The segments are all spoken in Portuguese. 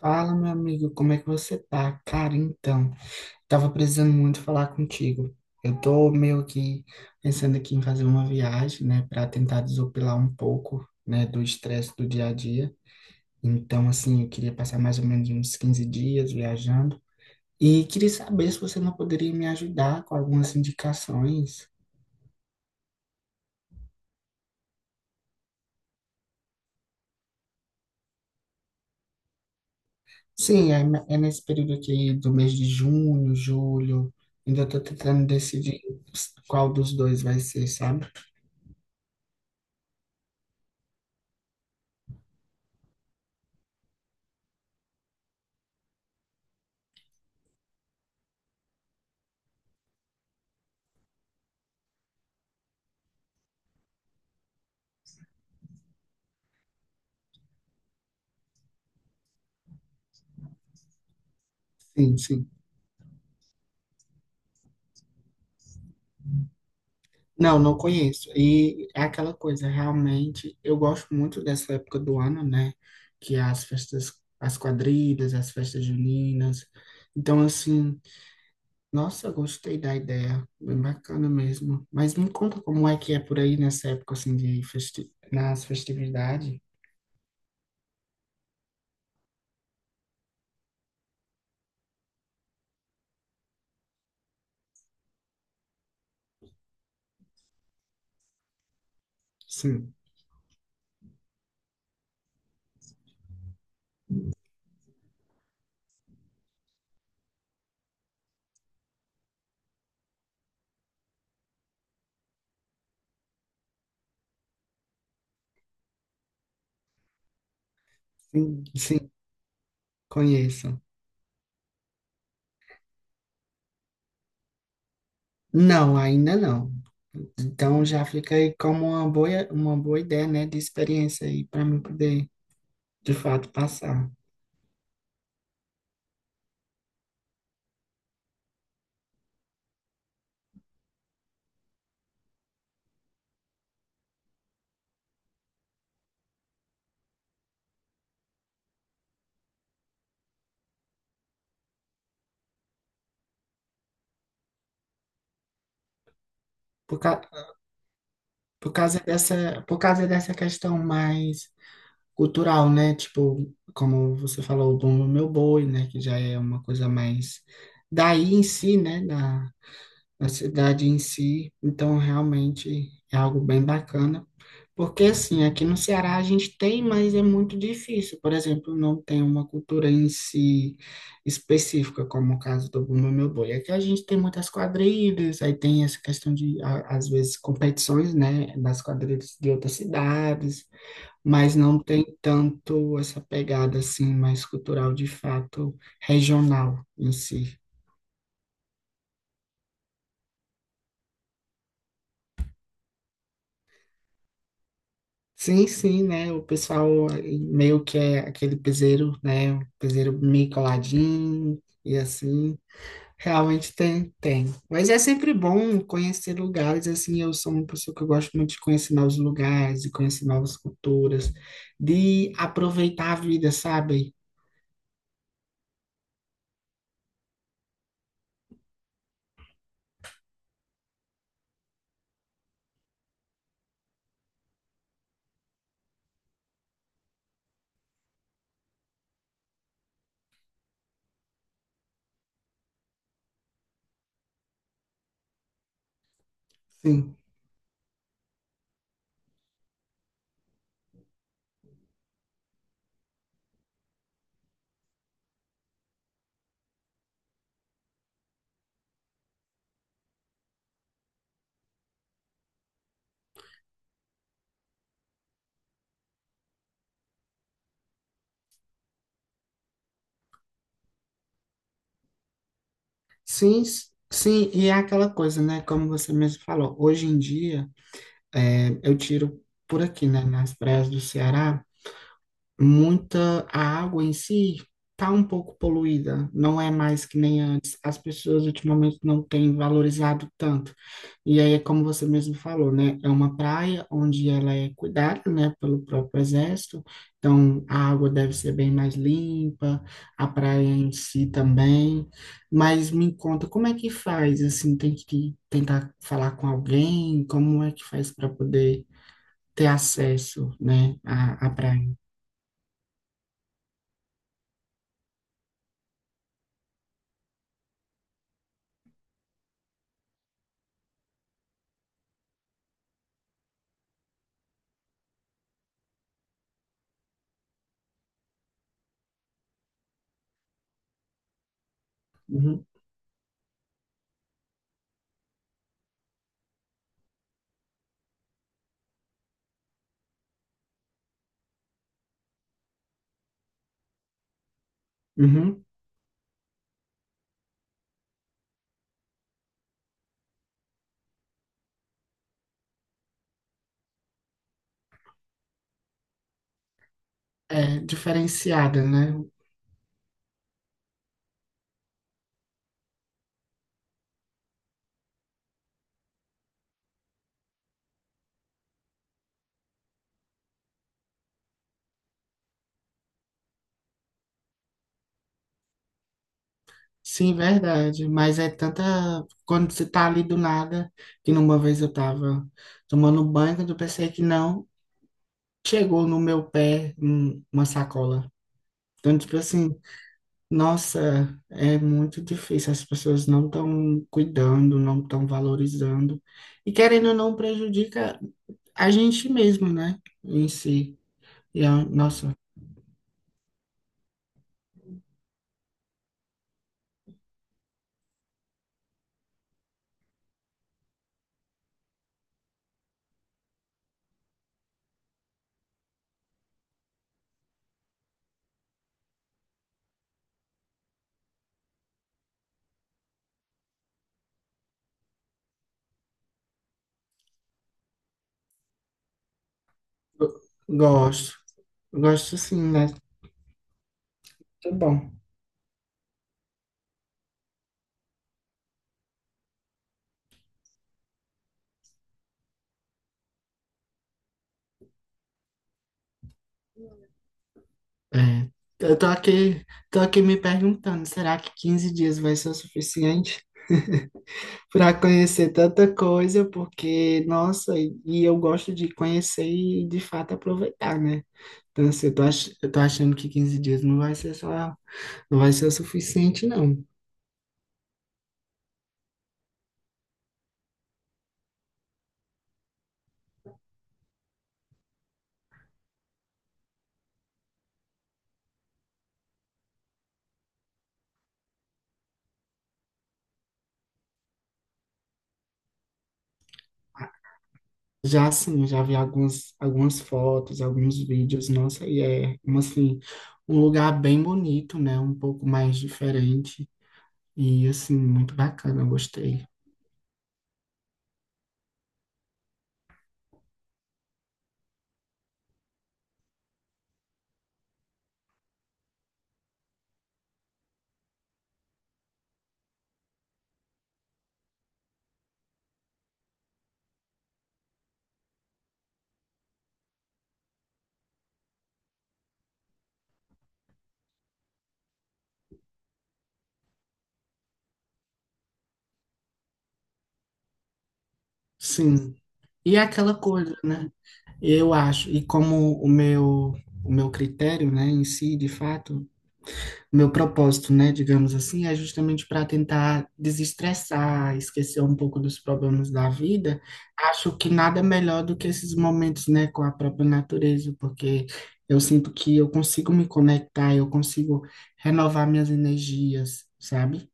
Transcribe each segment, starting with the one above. Fala, meu amigo, como é que você tá? Cara, então, tava precisando muito falar contigo. Eu tô meio que pensando aqui em fazer uma viagem, né, para tentar desopilar um pouco, né, do estresse do dia a dia. Então, assim, eu queria passar mais ou menos uns 15 dias viajando e queria saber se você não poderia me ajudar com algumas indicações. Sim, é, é nesse período aqui do mês de junho, julho. Ainda tô tentando decidir qual dos dois vai ser, sabe? Sim, sim. Não, não conheço. E é aquela coisa, realmente, eu gosto muito dessa época do ano, né? Que é as festas, as quadrilhas, as festas juninas. Então, assim, nossa, gostei da ideia, bem bacana mesmo. Mas me conta como é que é por aí nessa época, assim, de festi nas festividades? Sim, sim, sim, conheço. Não, ainda não. Então, já fica aí como uma boa ideia, né, de experiência aí, para mim poder, de fato, passar. Por, ca- por causa dessa, por causa dessa questão mais cultural, né? Tipo, como você falou, o Bumba Meu Boi, né? Que já é uma coisa mais daí em si, né? A cidade em si. Então, realmente é algo bem bacana. Porque, assim, aqui no Ceará a gente tem, mas é muito difícil. Por exemplo, não tem uma cultura em si específica, como o caso do Bumba Meu Boi. Aqui a gente tem muitas quadrilhas, aí tem essa questão de, às vezes, competições, né, das quadrilhas de outras cidades, mas não tem tanto essa pegada, assim, mais cultural, de fato, regional em si. Sim, sim, né? O pessoal meio que é aquele piseiro, né? O piseiro meio coladinho e assim. Realmente tem, tem. Mas é sempre bom conhecer lugares, assim. Eu sou uma pessoa que eu gosto muito de conhecer novos lugares, de conhecer novas culturas, de aproveitar a vida, sabe? Sim. Sim, sim. E é aquela coisa, né? Como você mesmo falou, hoje em dia, é, eu tiro por aqui, né? Nas praias do Ceará. Muita a água em si está um pouco poluída, não é mais que nem antes. As pessoas ultimamente não têm valorizado tanto. E aí é como você mesmo falou, né? É uma praia onde ela é cuidada, né, pelo próprio exército. Então a água deve ser bem mais limpa, a praia em si também. Mas me conta, como é que faz? Assim, tem que tentar falar com alguém? Como é que faz para poder ter acesso, né, à praia? Uhum. Uhum. É diferenciada, né? Sim, verdade. Mas é tanta. Quando você tá ali do nada, que numa vez eu tava tomando banho, quando eu pensei que não, chegou no meu pé uma sacola. Então, tipo assim, nossa, é muito difícil. As pessoas não estão cuidando, não estão valorizando. E querendo ou não, prejudica a gente mesmo, né? Em si. Nossa, eu gosto. Gosto sim, né? Muito bom. É, eu tô aqui, tô aqui me perguntando, será que 15 dias vai ser o suficiente para conhecer tanta coisa? Porque, nossa, e eu gosto de conhecer e de fato aproveitar, né? Então, assim, eu tô achando que 15 dias não vai ser só, não vai ser o suficiente, não. Já assim, eu já vi algumas, algumas fotos, alguns vídeos, nossa, e é, um, assim, um lugar bem bonito, né? Um pouco mais diferente e, assim, muito bacana, eu gostei. Sim. E é aquela coisa, né? Eu acho, e como o meu critério, né, em si, de fato, o meu propósito, né, digamos assim, é justamente para tentar desestressar, esquecer um pouco dos problemas da vida. Acho que nada melhor do que esses momentos, né, com a própria natureza, porque eu sinto que eu consigo me conectar, eu consigo renovar minhas energias, sabe?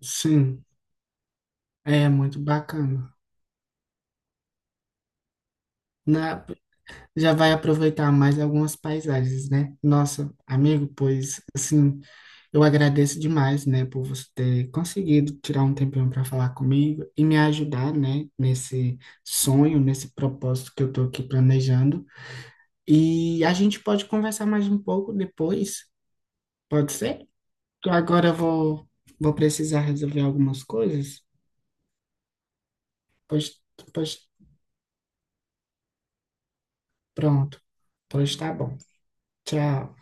Sim, é muito bacana. Na, já vai aproveitar mais algumas paisagens, né? Nossa, amigo, pois assim, eu agradeço demais, né, por você ter conseguido tirar um tempinho para falar comigo e me ajudar, né, nesse sonho, nesse propósito que eu tô aqui planejando. E a gente pode conversar mais um pouco depois, pode ser? Que agora eu vou vou precisar resolver algumas coisas. Pois, pois pronto. Pois tá bom. Tchau.